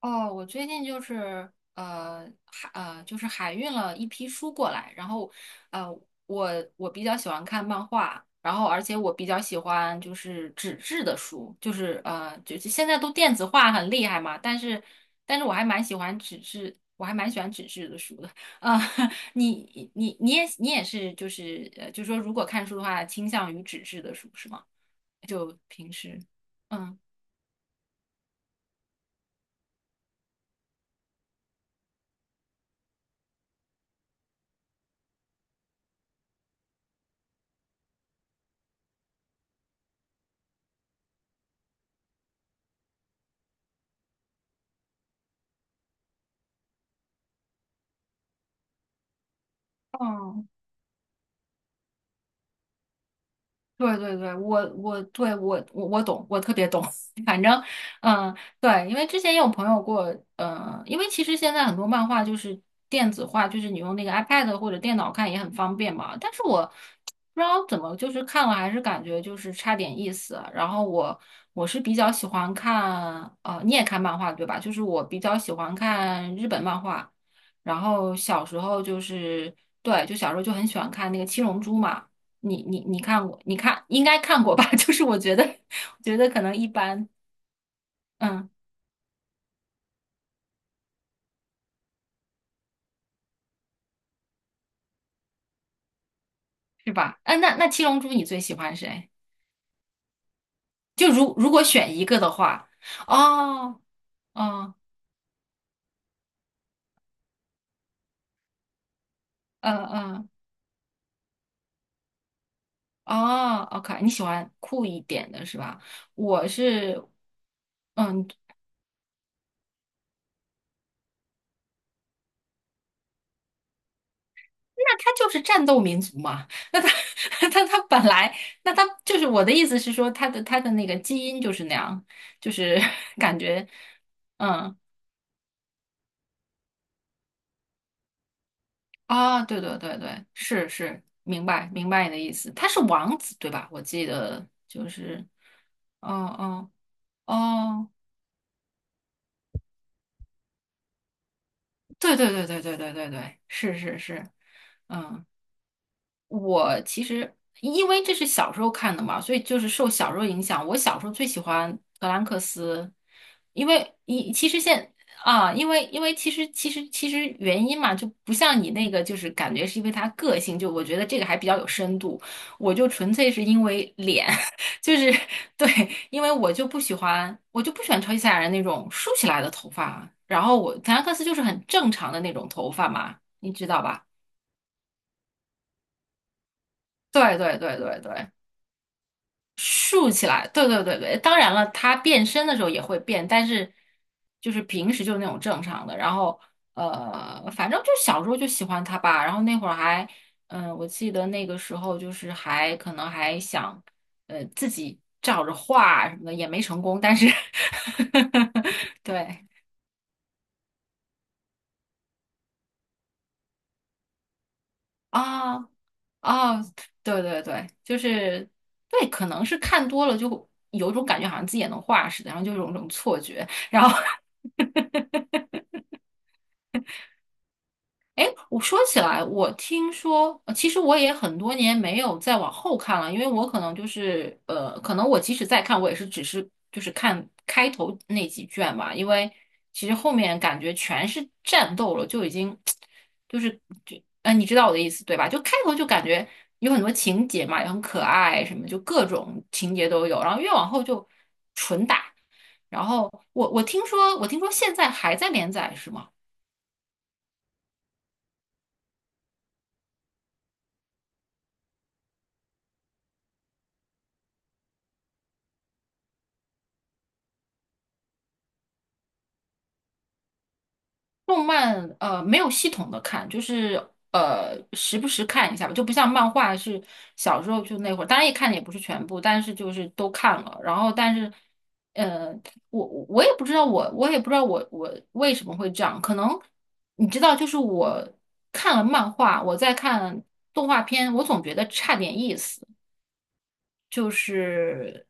哦，我最近就是海运了一批书过来，然后呃我我比较喜欢看漫画，然后而且我比较喜欢就是纸质的书，就是就是现在都电子化很厉害嘛，但是我还蛮喜欢纸质，我还蛮喜欢纸质的书的。啊、你也是就是就说如果看书的话，倾向于纸质的书是吗？就平时嗯。哦对对对，我对我懂，我特别懂。反正，嗯，对，因为之前也有朋友过，因为其实现在很多漫画就是电子化，就是你用那个 iPad 或者电脑看也很方便嘛。但是我不知道怎么，就是看了还是感觉就是差点意思。然后我是比较喜欢看，你也看漫画对吧？就是我比较喜欢看日本漫画，然后小时候就是对，就小时候就很喜欢看那个《七龙珠》嘛。你看过，应该看过吧？就是我觉得，我觉得可能一般，嗯，是吧？嗯，那七龙珠你最喜欢谁？就如果选一个的话，哦，哦，嗯嗯，哦，OK,你喜欢酷一点的是吧？我是，嗯，那他就是战斗民族嘛。那他 他本来，那他就是我的意思是说，他的那个基因就是那样，就是 感觉，嗯。啊，对对对对，是是，明白明白你的意思。他是王子对吧？我记得就是，哦哦哦，对对对对对对对对，是是是，嗯。我其实因为这是小时候看的嘛，所以就是受小时候影响。我小时候最喜欢格兰克斯，因为一其实现因为其实原因嘛，就不像你那个，就是感觉是因为他个性，就我觉得这个还比较有深度。我就纯粹是因为脸，就是对，因为我就不喜欢超级赛亚人那种竖起来的头发，然后我格兰克斯就是很正常的那种头发嘛，你知道吧？对对对对对，竖起来，对对对对，当然了，他变身的时候也会变，但是就是平时就是那种正常的。然后反正就小时候就喜欢他吧。然后那会儿还，嗯、我记得那个时候就是还可能还想，自己照着画什么的，也没成功。但是 对，啊啊，对对对，就是对，可能是看多了就有种感觉，好像自己也能画似的，然后就有一种错觉，然后 我说起来，我听说，其实我也很多年没有再往后看了，因为我可能就是，可能我即使再看，我也是只是就是看开头那几卷吧，因为其实后面感觉全是战斗了，就已经 就是就，你知道我的意思对吧？就开头就感觉有很多情节嘛，也很可爱，什么就各种情节都有，然后越往后就纯打，然后我听说现在还在连载是吗？动漫没有系统的看，就是时不时看一下吧，就不像漫画是小时候就那会儿，当然也看的也不是全部，但是就是都看了。然后但是，呃，我也不知道我为什么会这样，可能你知道，就是我看了漫画，我在看动画片，我总觉得差点意思，就是。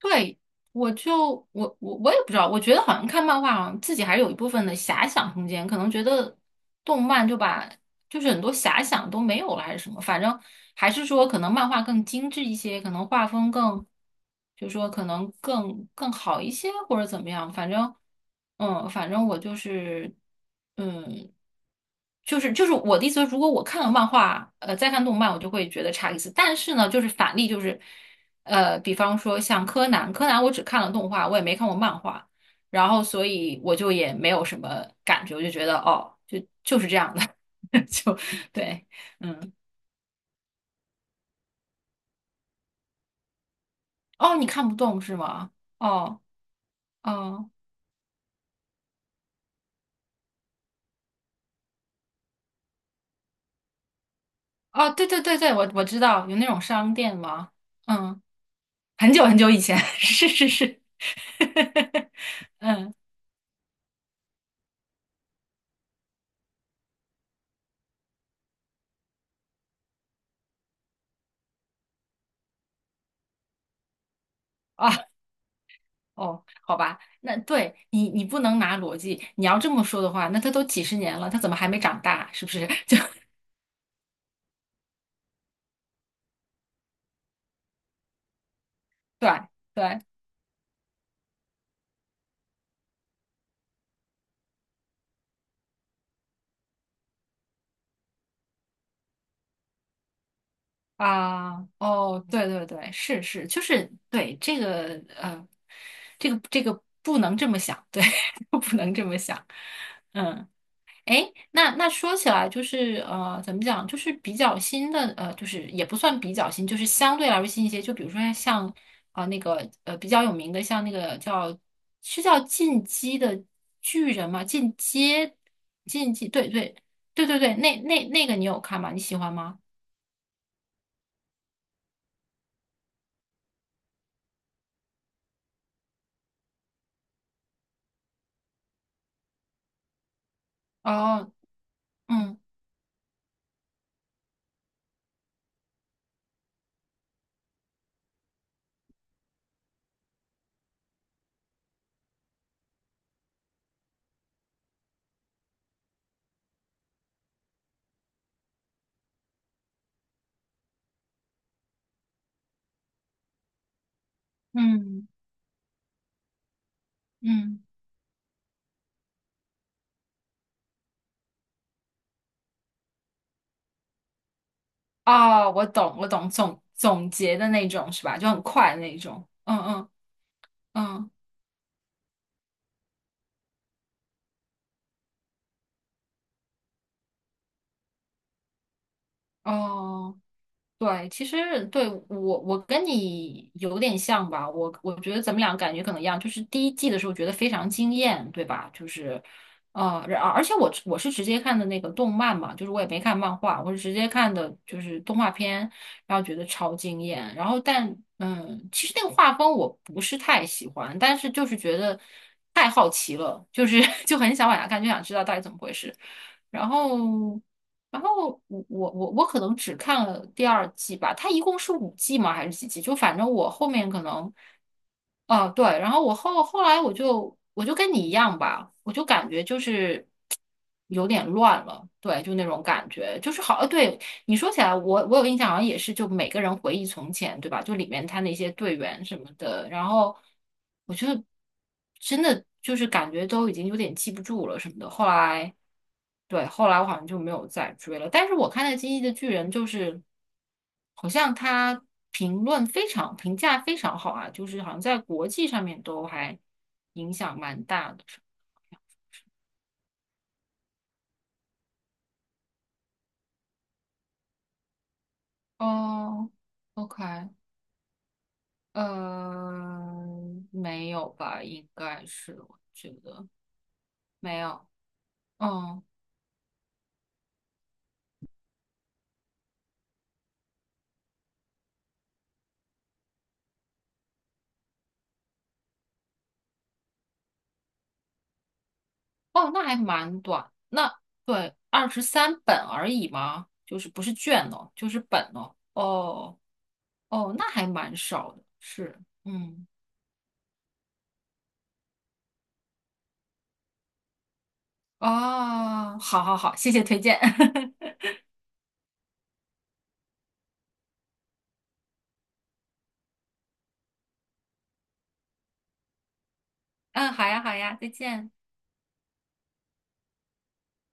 对，我也不知道，我觉得好像看漫画啊，好像自己还是有一部分的遐想空间，可能觉得动漫就是很多遐想都没有了，还是什么，反正还是说可能漫画更精致一些，可能画风更，就说可能更好一些或者怎么样，反正嗯，反正我就是嗯。就是我的意思是，如果我看了漫画，再看动漫，我就会觉得差一次。但是呢，就是反例，就是比方说像柯南，柯南我只看了动画，我也没看过漫画，然后所以我就也没有什么感觉，我就觉得哦，就是这样的，就对，嗯，哦，你看不懂是吗？哦，哦，哦，对对对对，我知道有那种商店吗？嗯，很久很久以前，是是是，啊，哦，好吧，那对你不能拿逻辑，你要这么说的话，那他都几十年了，他怎么还没长大？是不是？就对对。啊，哦，对对对，是是，就是对这个呃，这个不能这么想，对，不能这么想，嗯，哎，那说起来就是怎么讲，就是比较新的就是也不算比较新，就是相对来说新一些，就比如说像那个比较有名的，像那个叫是叫进击的巨人吗？进击，对对对对对，那那个你有看吗？你喜欢吗？哦，嗯。嗯嗯，哦，我懂，我懂，总结的那种是吧？就很快的那种。嗯嗯嗯，哦。对，其实对我跟你有点像吧，我觉得咱们俩感觉可能一样，就是第一季的时候觉得非常惊艳，对吧？就是，然而且我是直接看的那个动漫嘛，就是我也没看漫画，我是直接看的就是动画片，然后觉得超惊艳。然后但其实那个画风我不是太喜欢，但是就是觉得太好奇了，就是 就很想往下看，就想知道到底怎么回事。然后，我可能只看了第二季吧，它一共是5季吗？还是几季？就反正我后面可能啊，对，然后我后来我就跟你一样吧，我就感觉就是有点乱了，对，就那种感觉，就是好，对，你说起来，我有印象，好像也是，就每个人回忆从前，对吧？就里面他那些队员什么的，然后我觉得真的就是感觉都已经有点记不住了什么的。后来，对，后来我好像就没有再追了，但是我看那《进击的巨人》就是。好像他评价非常好啊，就是好像在国际上面都还影响蛮大的。哦，OK,呃，没有吧？应该是，我觉得没有。嗯，哦，那还蛮短。那对，23本而已嘛，就是不是卷哦，就是本哦。哦哦，那还蛮少的。是，嗯，哦，好好好，谢谢推荐。嗯，好呀，好呀，再见。